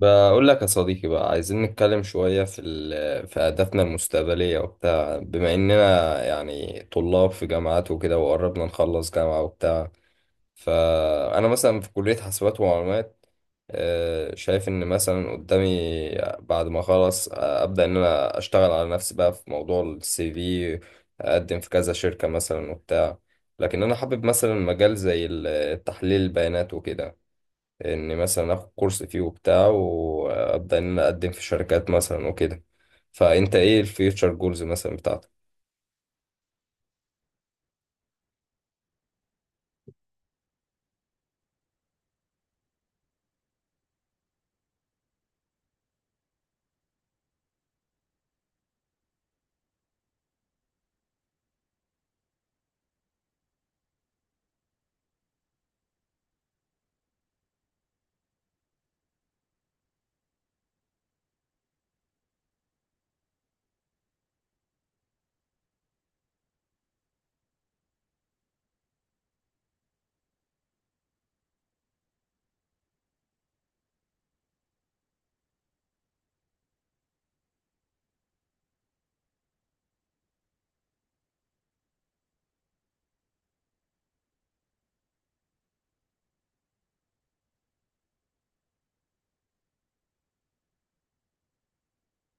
بقول لك يا صديقي بقى عايزين نتكلم شوية في أهدافنا المستقبلية وبتاع، بما إننا يعني طلاب في جامعات وكده وقربنا نخلص جامعة وبتاع. فأنا مثلا في كلية حاسبات ومعلومات. شايف إن مثلا قدامي بعد ما أخلص، أبدأ إن أنا أشتغل على نفسي بقى في موضوع السي في. أقدم في كذا شركة مثلا وبتاع. لكن أنا حابب مثلا مجال زي تحليل البيانات وكده. ان مثلا اخد كورس فيه وبتاع وابدا ان انا اقدم في شركات مثلا وكده. فانت ايه الفيوتشر جولز مثلا بتاعتك؟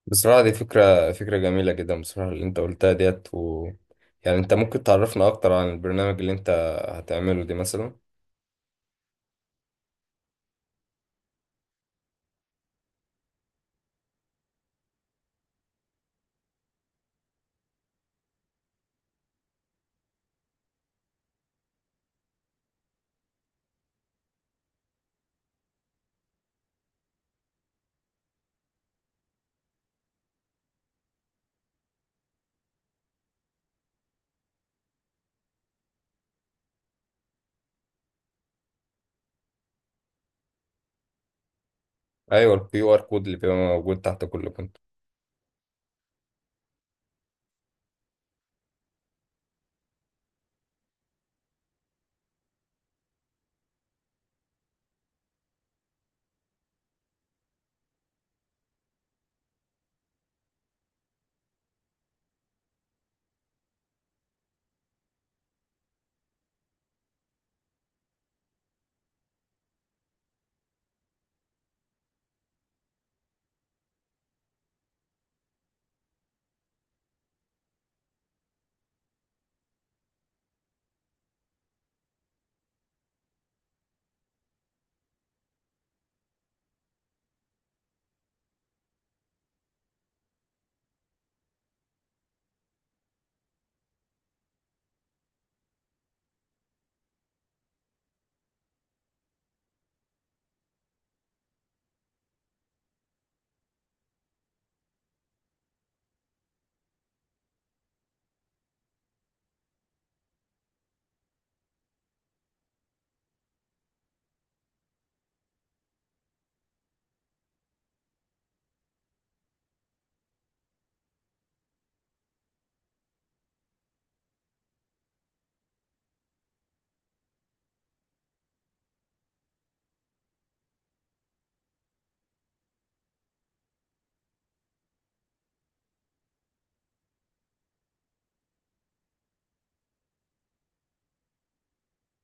بصراحه دي فكره، فكره جميله جدا بصراحه اللي انت قلتها ديت و... يعني انت ممكن تعرفنا اكتر عن البرنامج اللي انت هتعمله دي مثلا؟ ايوه، الكيو ار كود اللي بيبقى موجود تحت كل كنت.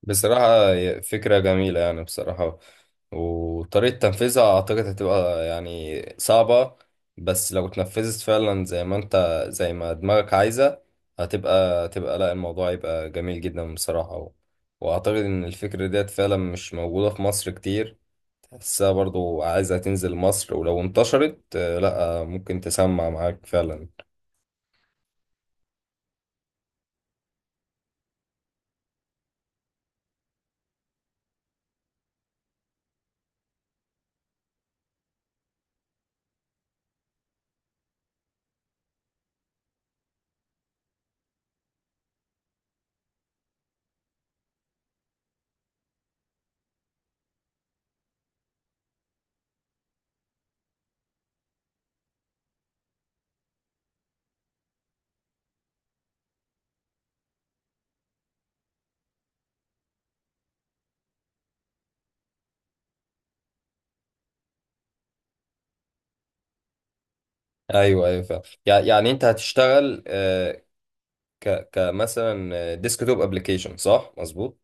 بصراحة فكرة جميلة يعني بصراحة، وطريقة تنفيذها أعتقد هتبقى يعني صعبة، بس لو اتنفذت فعلا زي ما أنت، زي ما دماغك عايزة، هتبقى لا، الموضوع يبقى جميل جدا بصراحة و... وأعتقد إن الفكرة ديت فعلا مش موجودة في مصر كتير. تحسها برضو عايزة تنزل مصر، ولو انتشرت لا ممكن تسمع معاك فعلا. أيوه أيوه فعلا، يعني أنت هتشتغل كمثلا ديسك توب ابلكيشن، صح، مظبوط؟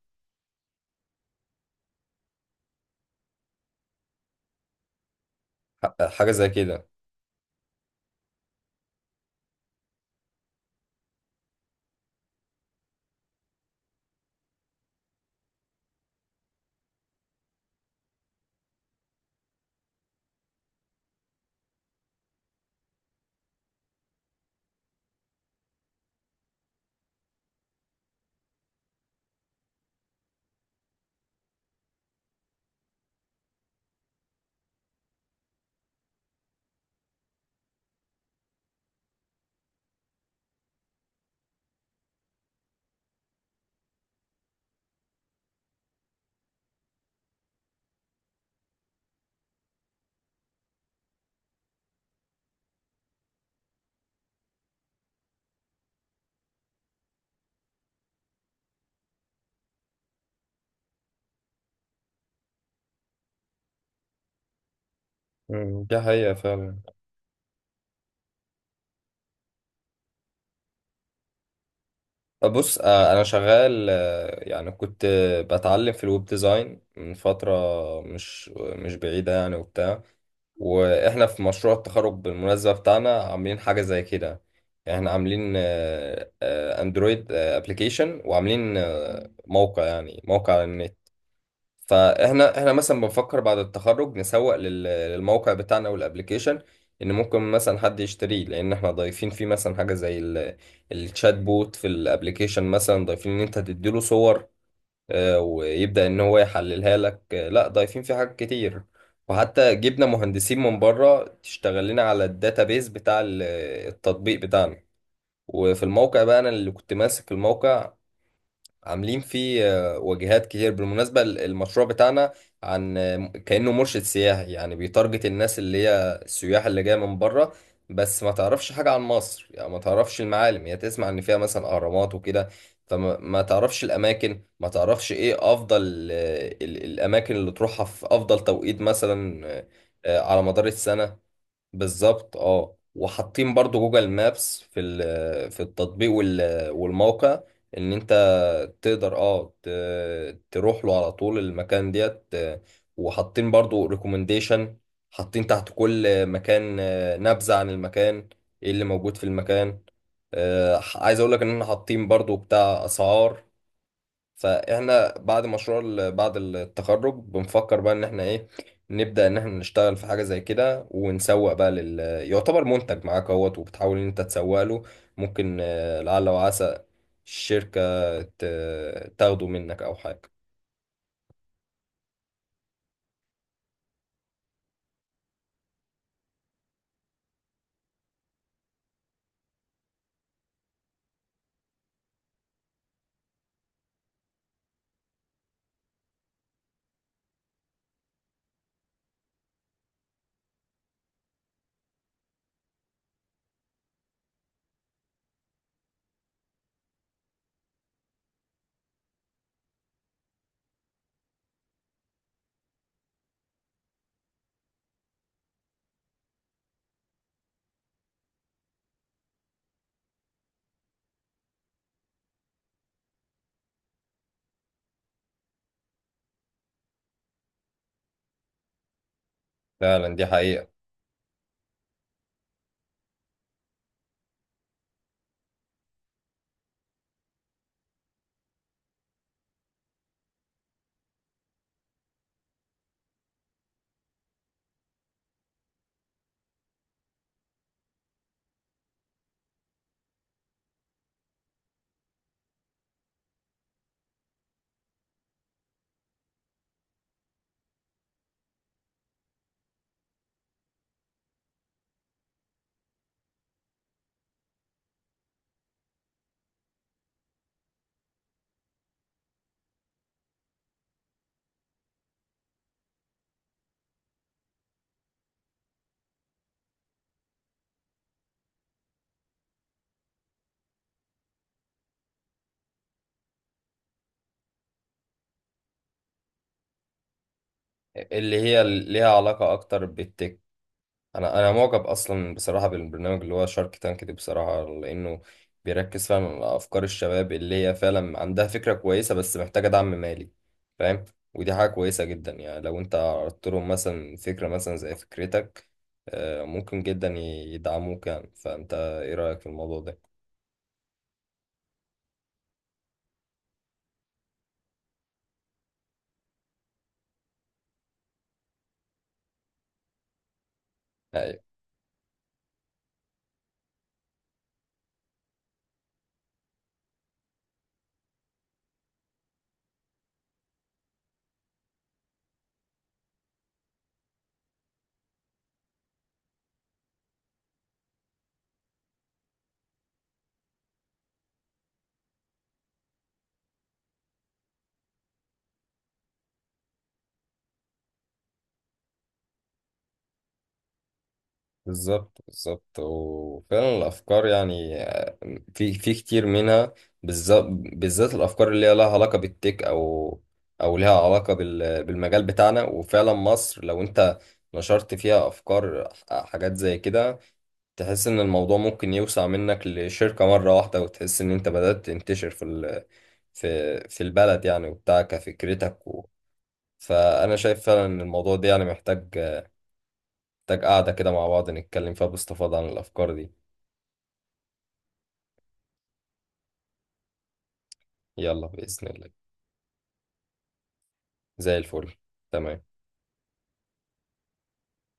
حاجه زي كده. مم. دي حقيقه فعلا. بص، انا شغال، يعني كنت بتعلم في الويب ديزاين من فتره مش مش بعيده يعني وبتاع. واحنا في مشروع التخرج بالمناسبه بتاعنا عاملين حاجه زي كده. يعني احنا عاملين اندرويد ابلكيشن، وعاملين موقع، يعني موقع على النت. فاحنا مثلا بنفكر بعد التخرج نسوق للموقع بتاعنا والابليكيشن، ان ممكن مثلا حد يشتريه، لان احنا ضايفين فيه مثلا حاجه زي الشات بوت في الابليكيشن. مثلا ضايفين ان انت تديله صور ويبدا ان هو يحللها لك. لا ضايفين فيه حاجات كتير، وحتى جبنا مهندسين من بره تشتغل لنا على الداتابيز بتاع التطبيق بتاعنا. وفي الموقع بقى انا اللي كنت ماسك الموقع، عاملين فيه واجهات كتير. بالمناسبة المشروع بتاعنا عن كأنه مرشد سياحي، يعني بيتارجت الناس اللي هي السياح اللي جاية من بره بس ما تعرفش حاجة عن مصر. يعني ما تعرفش المعالم، هي تسمع ان فيها مثلا اهرامات وكده، فما ما تعرفش الاماكن، ما تعرفش ايه افضل الاماكن اللي تروحها في افضل توقيت مثلا، على مدار السنة. بالظبط، اه. وحاطين برضو جوجل مابس في في التطبيق والموقع، ان انت تقدر تروح له على طول المكان ديت. وحاطين برضو ريكومنديشن، حاطين تحت كل مكان نبذة عن المكان، ايه اللي موجود في المكان. عايز اقول لك ان احنا حاطين برضو بتاع اسعار. فاحنا بعد مشروع بعد التخرج بنفكر بقى ان احنا ايه، نبدأ ان احنا نشتغل في حاجة زي كده ونسوق بقى لل، يعتبر منتج معاك اهوت وبتحاول ان انت تسوق له. ممكن لعل وعسى الشركة تاخده منك او حاجة. فعلا دي حقيقة، اللي هي ليها علاقة اكتر بالتك. انا معجب اصلا بصراحه بالبرنامج اللي هو شارك تانك ده، بصراحه لانه بيركز فعلا على افكار الشباب اللي هي فعلا عندها فكره كويسه بس محتاجه دعم مالي. فاهم؟ ودي حاجه كويسه جدا، يعني لو انت عرضت لهم مثلا فكره مثلا زي فكرتك ممكن جدا يدعموك. يعني فانت ايه رايك في الموضوع ده؟ يعني بالظبط، بالظبط. وفعلا الافكار يعني في في كتير منها، بالذات بالذات الافكار اللي هي لها علاقه بالتك، او او لها علاقه بالمجال بتاعنا. وفعلا مصر لو انت نشرت فيها افكار حاجات زي كده، تحس ان الموضوع ممكن يوسع منك لشركه مره واحده، وتحس ان انت بدات تنتشر في في البلد يعني وبتاع كفكرتك. و فانا شايف فعلا ان الموضوع ده يعني محتاج، محتاج قاعده كده مع بعض نتكلم فيها باستفاضه عن الافكار دي. يلا بإذن الله، زي الفل. تمام.